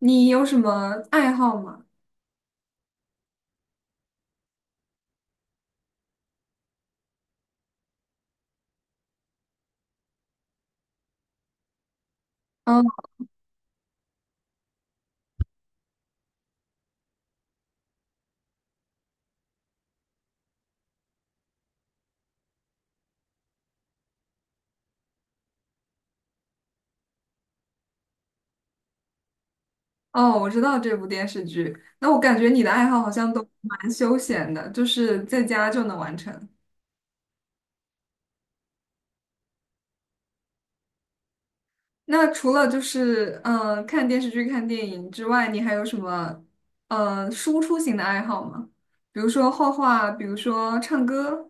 你有什么爱好吗？嗯，哦，我知道这部电视剧。那我感觉你的爱好好像都蛮休闲的，就是在家就能完成。那除了看电视剧、看电影之外，你还有什么输出型的爱好吗？比如说画画，比如说唱歌，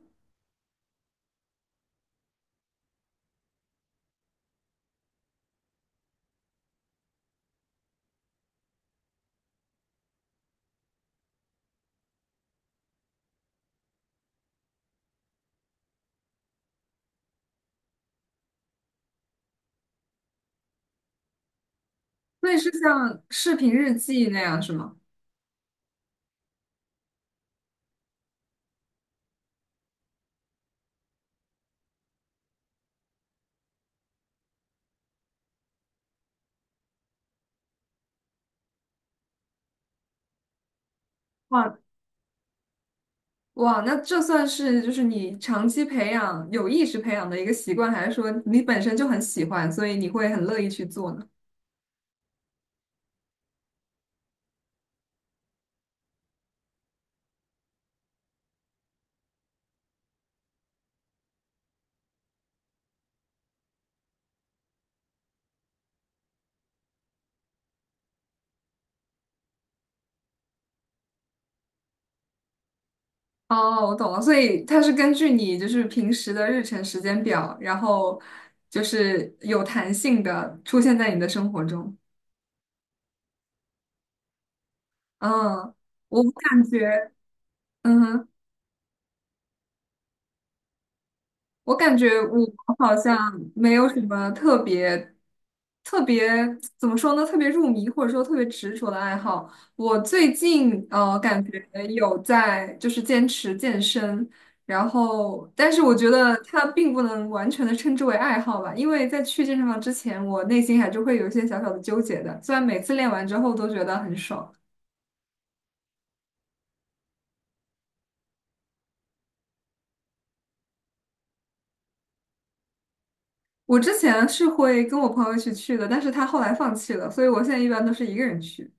那也是像视频日记那样是吗？哇哇，那这算是就是你长期培养、有意识培养的一个习惯，还是说你本身就很喜欢，所以你会很乐意去做呢？哦，我懂了，所以它是根据你就是平时的日程时间表，然后就是有弹性的出现在你的生活中。嗯，我感觉，嗯哼。我感觉好像没有什么特别怎么说呢？特别入迷或者说特别执着的爱好。我最近，感觉有在就是坚持健身，然后但是我觉得它并不能完全的称之为爱好吧，因为在去健身房之前，我内心还是会有一些小小的纠结的。虽然每次练完之后都觉得很爽，我之前是会跟我朋友一起去的，但是他后来放弃了，所以我现在一般都是一个人去。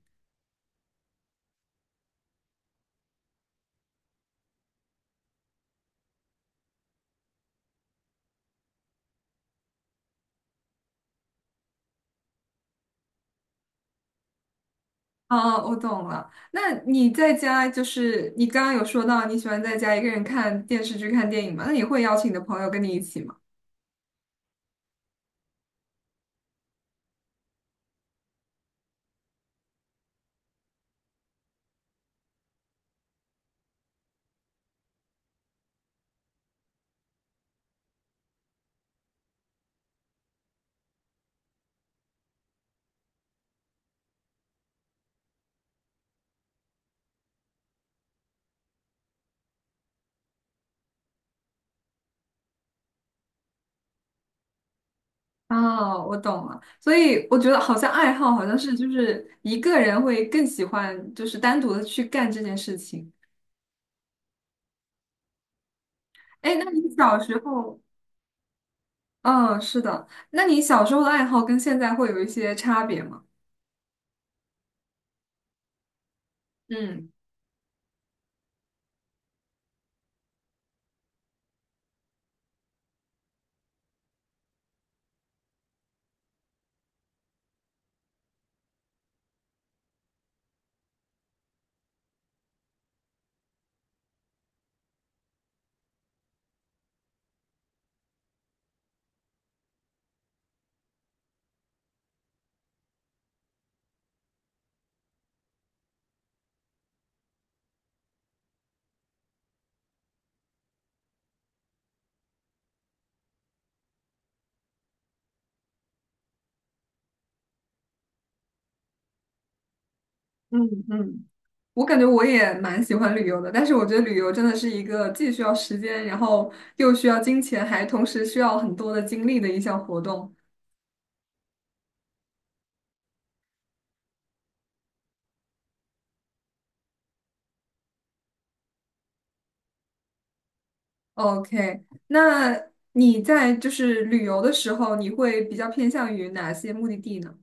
哦，我懂了。那你在家就是你刚刚有说到你喜欢在家一个人看电视剧、看电影嘛？那你会邀请你的朋友跟你一起吗？哦，我懂了。所以我觉得好像爱好好像是就是一个人会更喜欢，就是单独的去干这件事情。哎，那你小时候，嗯，是的，那你小时候的爱好跟现在会有一些差别吗？嗯嗯嗯。我感觉我也蛮喜欢旅游的，但是我觉得旅游真的是一个既需要时间，然后又需要金钱，还同时需要很多的精力的一项活动。OK，那你在就是旅游的时候，你会比较偏向于哪些目的地呢？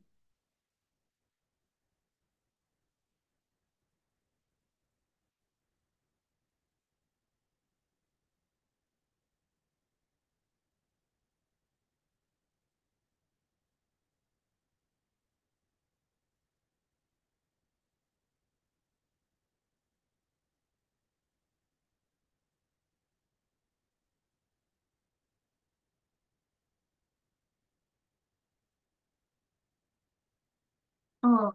嗯，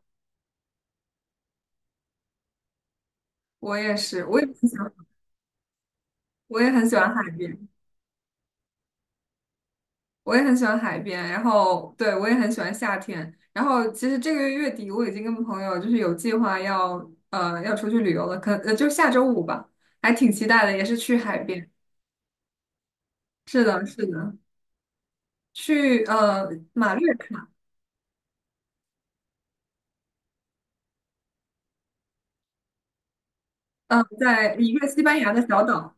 我也是，我也很喜欢，我也很喜欢海边。我也很喜欢海边，然后对我也很喜欢夏天。然后其实这个月月底我已经跟朋友就是有计划要要出去旅游了，就下周五吧，还挺期待的，也是去海边。是的，是的，去马略卡，在一个西班牙的小岛。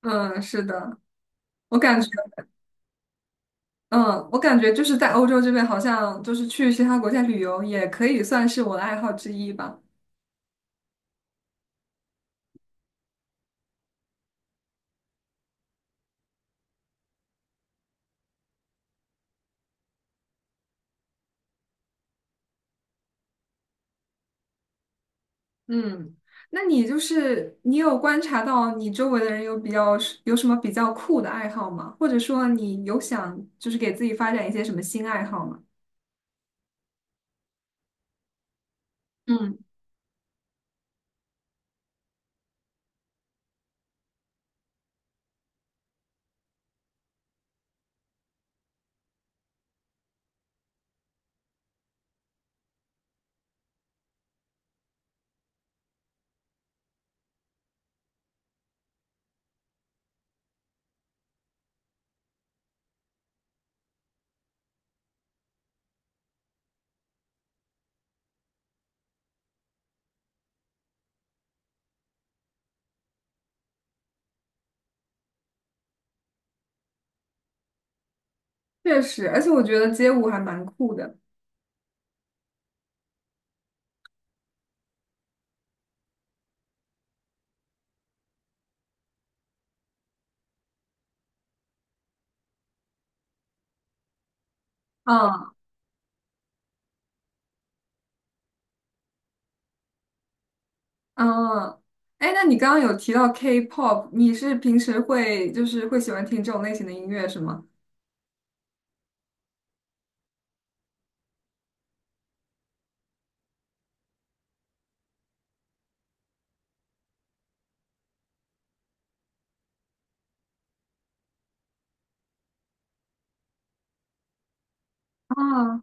嗯，是的，我感觉，嗯，我感觉就是在欧洲这边，好像就是去其他国家旅游也可以算是我的爱好之一吧。嗯，那你就是你有观察到你周围的人有比较有什么比较酷的爱好吗？或者说你有想就是给自己发展一些什么新爱好吗？嗯，确实，而且我觉得街舞还蛮酷的。嗯嗯，哎，那你刚刚有提到 K-pop，你是平时会就是会喜欢听这种类型的音乐是吗？啊，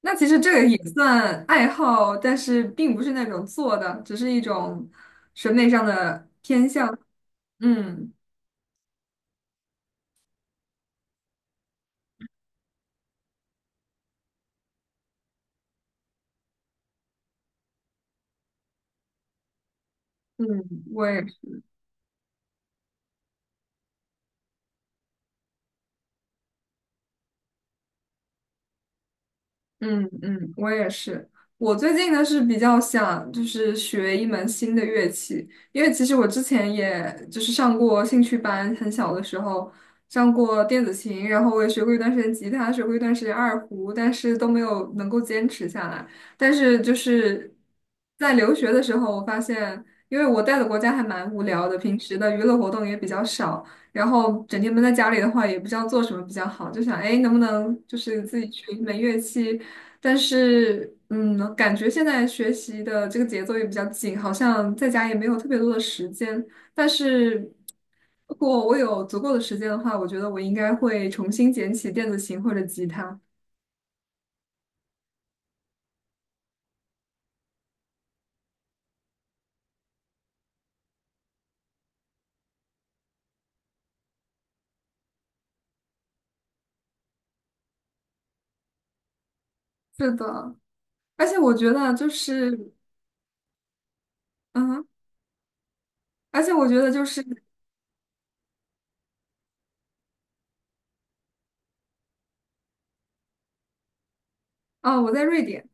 那其实这个也算爱好，但是并不是那种做的，只是一种审美上的偏向。嗯。嗯，我也嗯嗯，我也是。我最近呢是比较想就是学一门新的乐器，因为其实我之前也就是上过兴趣班，很小的时候上过电子琴，然后我也学过一段时间吉他，学过一段时间二胡，但是都没有能够坚持下来。但是就是在留学的时候，我发现，因为我待的国家还蛮无聊的，平时的娱乐活动也比较少。然后整天闷在家里的话，也不知道做什么比较好，就想，哎，能不能就是自己学一门乐器，但是，嗯，感觉现在学习的这个节奏也比较紧，好像在家也没有特别多的时间。但是，如果我有足够的时间的话，我觉得我应该会重新捡起电子琴或者吉他。是的，而且我觉得就是，嗯，而且我觉得就是，啊，我在瑞典，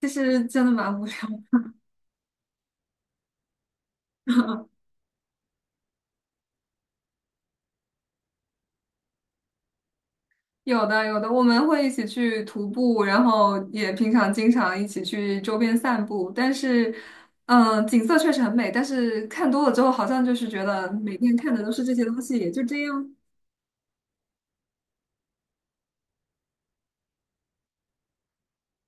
其实真的蛮无聊有的有的，我们会一起去徒步，然后也平常经常一起去周边散步。但是，景色确实很美，但是看多了之后，好像就是觉得每天看的都是这些东西，也就这样。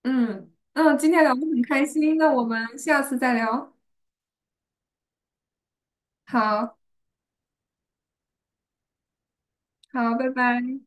嗯嗯，今天聊得很开心，那我们下次再聊。好好，拜拜。